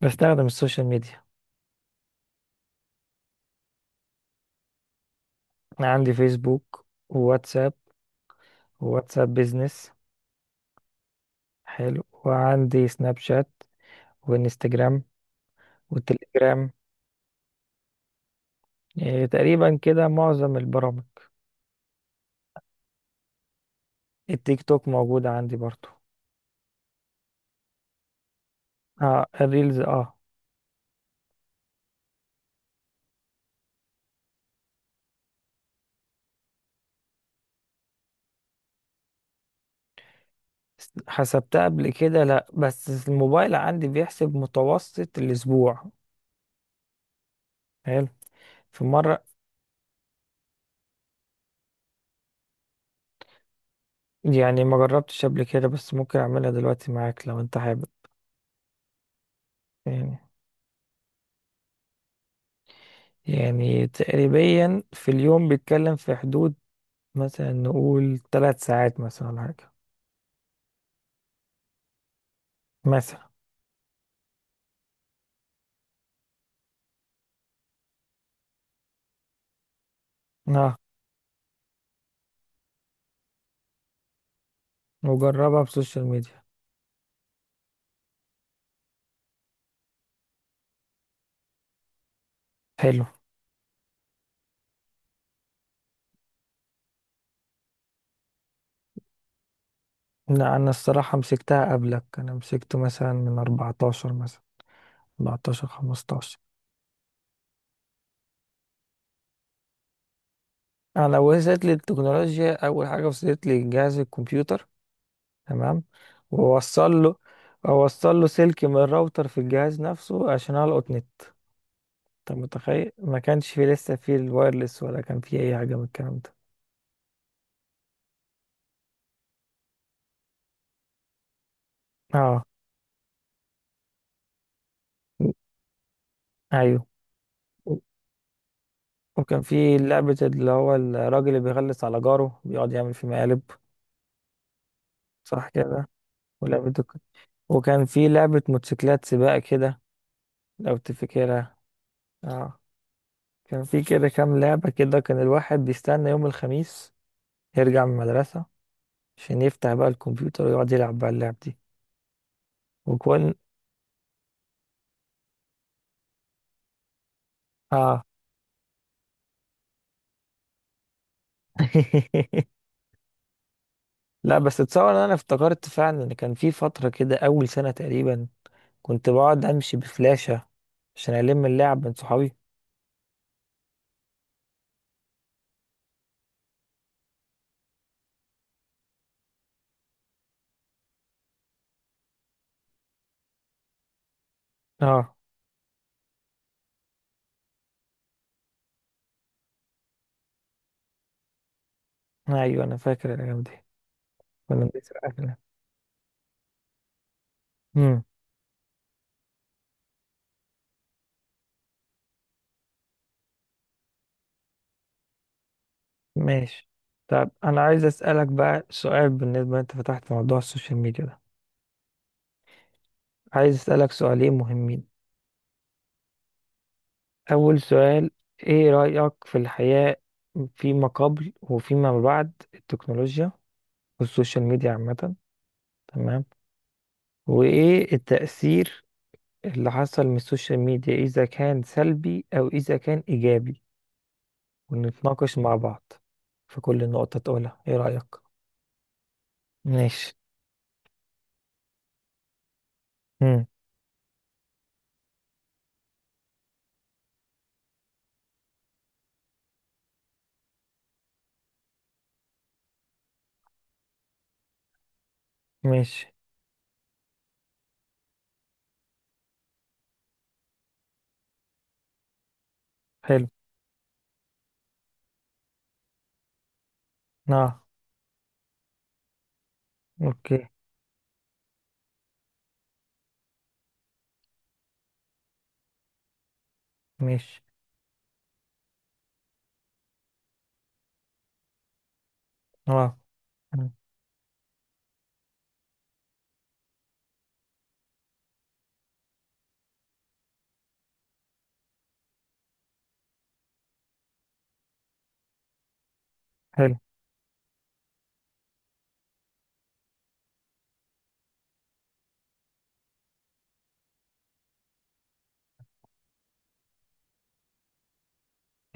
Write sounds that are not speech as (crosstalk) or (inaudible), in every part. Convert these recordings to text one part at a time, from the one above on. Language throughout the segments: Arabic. بستخدم السوشيال ميديا. انا عندي فيسبوك وواتساب. وواتساب بيزنس. حلو، وعندي سناب شات، وانستجرام، والتليجرام. إيه تقريبا كده معظم البرامج. التيك توك موجودة عندي برضو. اه، الريلز، اه. حسبتها قبل كده، لا، بس الموبايل عندي بيحسب متوسط الاسبوع. حلو. في مرة. يعني ما جربتش قبل كده، بس ممكن اعملها دلوقتي معاك لو انت حابب. يعني يعني تقريبا في اليوم بيتكلم في حدود، مثلا نقول ثلاث ساعات، مثلا، ولا حاجة. مثلا. اه. وجربها بسوشيال ميديا. حلو. لا، انا الصراحة مسكتها قبلك، انا مسكته مثلا من 14، مثلا. 14، 15. انا وصلت لي التكنولوجيا، اول حاجة وصلت لي جهاز الكمبيوتر. تمام. ووصل له. اوصل له سلك من الراوتر في الجهاز نفسه عشان القط نت. انت متخيل ما كانش في لسه في الوايرلس، ولا كان في اي حاجة من الكلام ده؟ اه. ايوه. وكان في لعبة اللي هو الراجل اللي بيغلس على جاره بيقعد يعمل فيه مقالب. صح كده. ولعبة الك- وكان في لعبة موتوسيكلات سباق كده، لو تفتكرها. اه. كان في كده كام لعبة كده، كان الواحد بيستنى يوم الخميس يرجع من المدرسة عشان يفتح بقى الكمبيوتر ويقعد يلعب بقى اللعب دي. وكون. اه. (laughs) لا بس اتصور ان انا افتكرت فعلا ان كان في فترة كده اول سنة تقريبا كنت بقعد امشي بفلاشة عشان الم اللعب من صحابي. اه. ايوه انا فاكر الايام دي. كنا بنسرق اكل. امم. ماشي. طب انا عايز اسالك بقى سؤال، بالنسبه انت فتحت موضوع السوشيال ميديا ده. عايز اسالك سؤالين مهمين. اول سؤال، ايه رايك في الحياه فيما قبل وفيما بعد التكنولوجيا والسوشيال ميديا عامه؟ تمام. وايه التاثير اللي حصل من السوشيال ميديا، اذا كان سلبي او اذا كان ايجابي؟ ونتناقش مع بعض في كل نقطه تقولها ايه رايك. ماشي. ماشي. حلو. نعم. اوكي. ماشي. نعم. مم. حلو.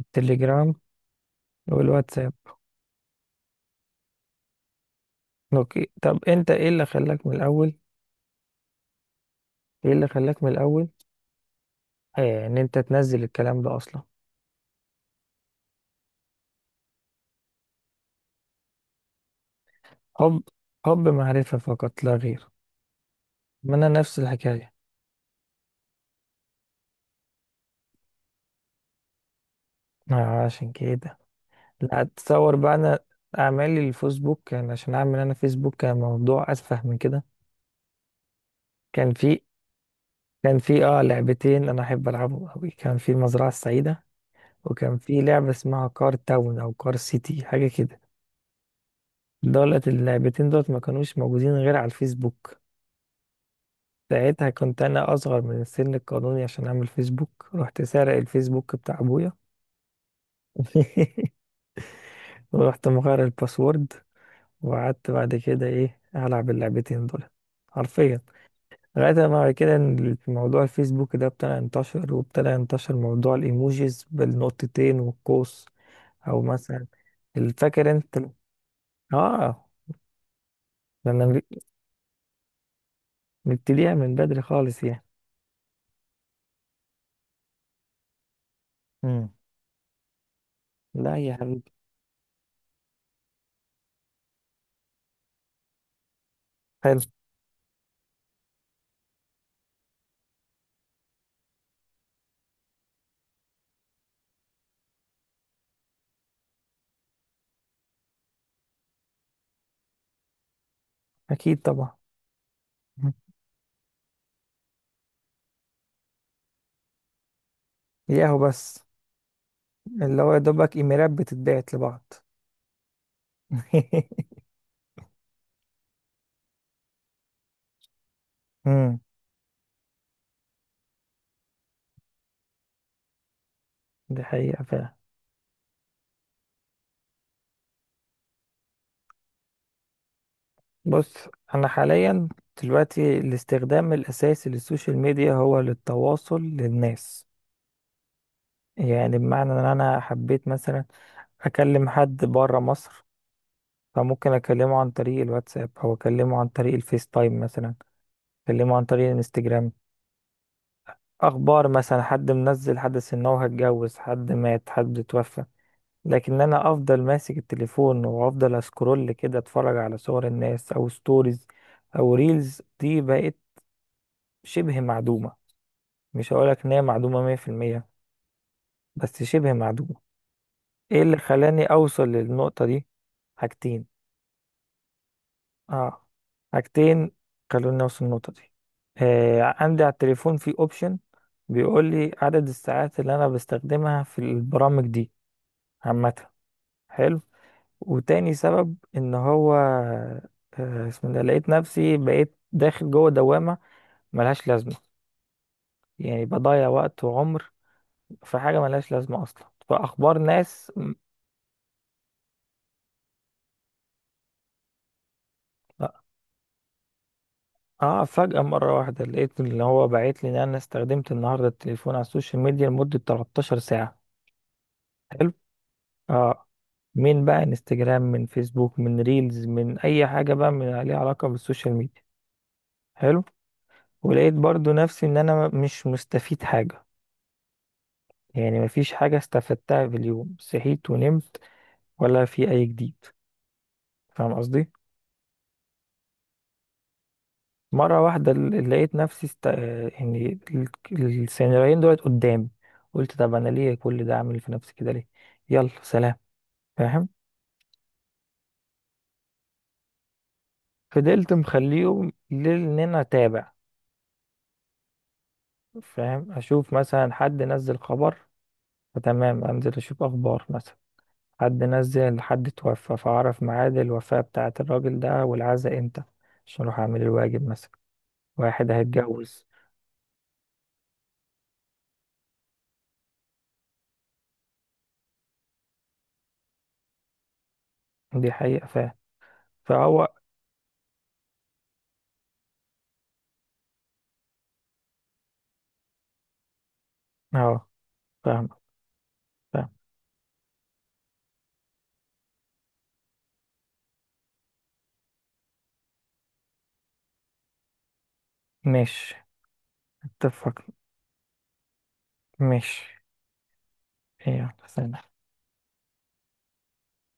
التليجرام والواتساب. اوكي، طب انت ايه اللي خلاك من الاول؟ ايه اللي خلاك من الاول ان انت تنزل الكلام ده اصلا؟ حب. حب معرفة فقط لا غير. ما انا نفس الحكاية. آه، عشان كده. لا، تصور بقى، انا اعمالي الفيسبوك كان عشان اعمل، انا فيسبوك كان موضوع اسفه من كده. كان في. كان في لعبتين انا احب العبهم قوي. كان في المزرعة السعيدة، وكان في لعبة اسمها كار تاون أو كار سيتي، حاجة كده. دولت اللعبتين دولت ما كانوش موجودين غير على الفيسبوك. ساعتها كنت أنا أصغر من السن القانوني عشان أعمل فيسبوك، رحت سارق الفيسبوك بتاع أبويا. (laughs) ورحت مغير الباسورد، وقعدت بعد كده إيه ألعب اللعبتين دول، حرفيا، لغاية ما بعد كده إن موضوع الفيسبوك ده ابتدى ينتشر، وابتدى ينتشر موضوع الإيموجيز بالنقطتين والقوس، أو مثلا. فاكر أنت. اه. لما نبتديها من بدري خالص يعني. امم. لا يا حبيبي. حلو. اكيد طبعا. مم. ياهو بس. اللي هو يا دوبك ايميلات بتتبعت لبعض. (laughs) امم. دي حقيقة فعلا. بص. أنا حاليا دلوقتي الاستخدام الأساسي للسوشيال ميديا هو للتواصل للناس. يعني بمعنى إن أنا حبيت مثلا أكلم حد برا مصر، فممكن أكلمه عن طريق الواتساب، أو أكلمه عن طريق الفيس تايم مثلا، أكلمه عن طريق الانستجرام. اخبار مثلا حد منزل حدث ان هو هيتجوز، حد مات، حد اتوفى. لكن انا افضل ماسك التليفون وافضل اسكرول كده، اتفرج على صور الناس او ستوريز، او ريلز، دي بقت شبه معدومة. مش هقولك ان هي معدومة مية في المية، بس شبه معدومة. ايه اللي خلاني اوصل للنقطة دي؟ حاجتين. اه. حاجتين خلوني اوصل للنقطة دي. آه، عندي على التليفون في اوبشن بيقول لي عدد الساعات اللي انا بستخدمها في البرامج دي عامة. حلو. وتاني سبب ان هو، اسمه ده، لقيت نفسي بقيت داخل جوه دوامة ملهاش لازمة. يعني بضيع وقت وعمر في حاجة ملهاش لازمة اصلا، فاخبار ناس اه، فجأة مرة واحدة لقيت اللي هو بعت لي ان انا استخدمت النهاردة التليفون على السوشيال ميديا لمدة 13 ساعة. حلو. اه. من بقى انستجرام، من فيسبوك، من ريلز، من اي حاجة بقى من ليها علاقة بالسوشيال ميديا. حلو. ولقيت برضو نفسي ان انا مش مستفيد حاجة، يعني مفيش حاجة استفدتها في اليوم صحيت ونمت، ولا في أي جديد. فاهم قصدي؟ مرة واحدة، لقيت نفسي است... آه، يعني السيناريوهين دولت قدامي. قلت طب أنا ليه كل ده؟ أعمل في نفسي كده ليه؟ يلا سلام. فاهم؟ فضلت مخليهم لأن أنا أتابع. فاهم؟ أشوف مثلا حد نزل خبر، فتمام أنزل أشوف أخبار مثلا، حد نزل، حد توفى فأعرف ميعاد الوفاة بتاعة الراجل ده والعزاء إمتى، عشان أروح أعمل الواجب مثلا. واحد هيتجوز. دي حقيقة فاهم. فهو. اه. فاهم. فاهم. مش. اتفق. مش. يلا سلام.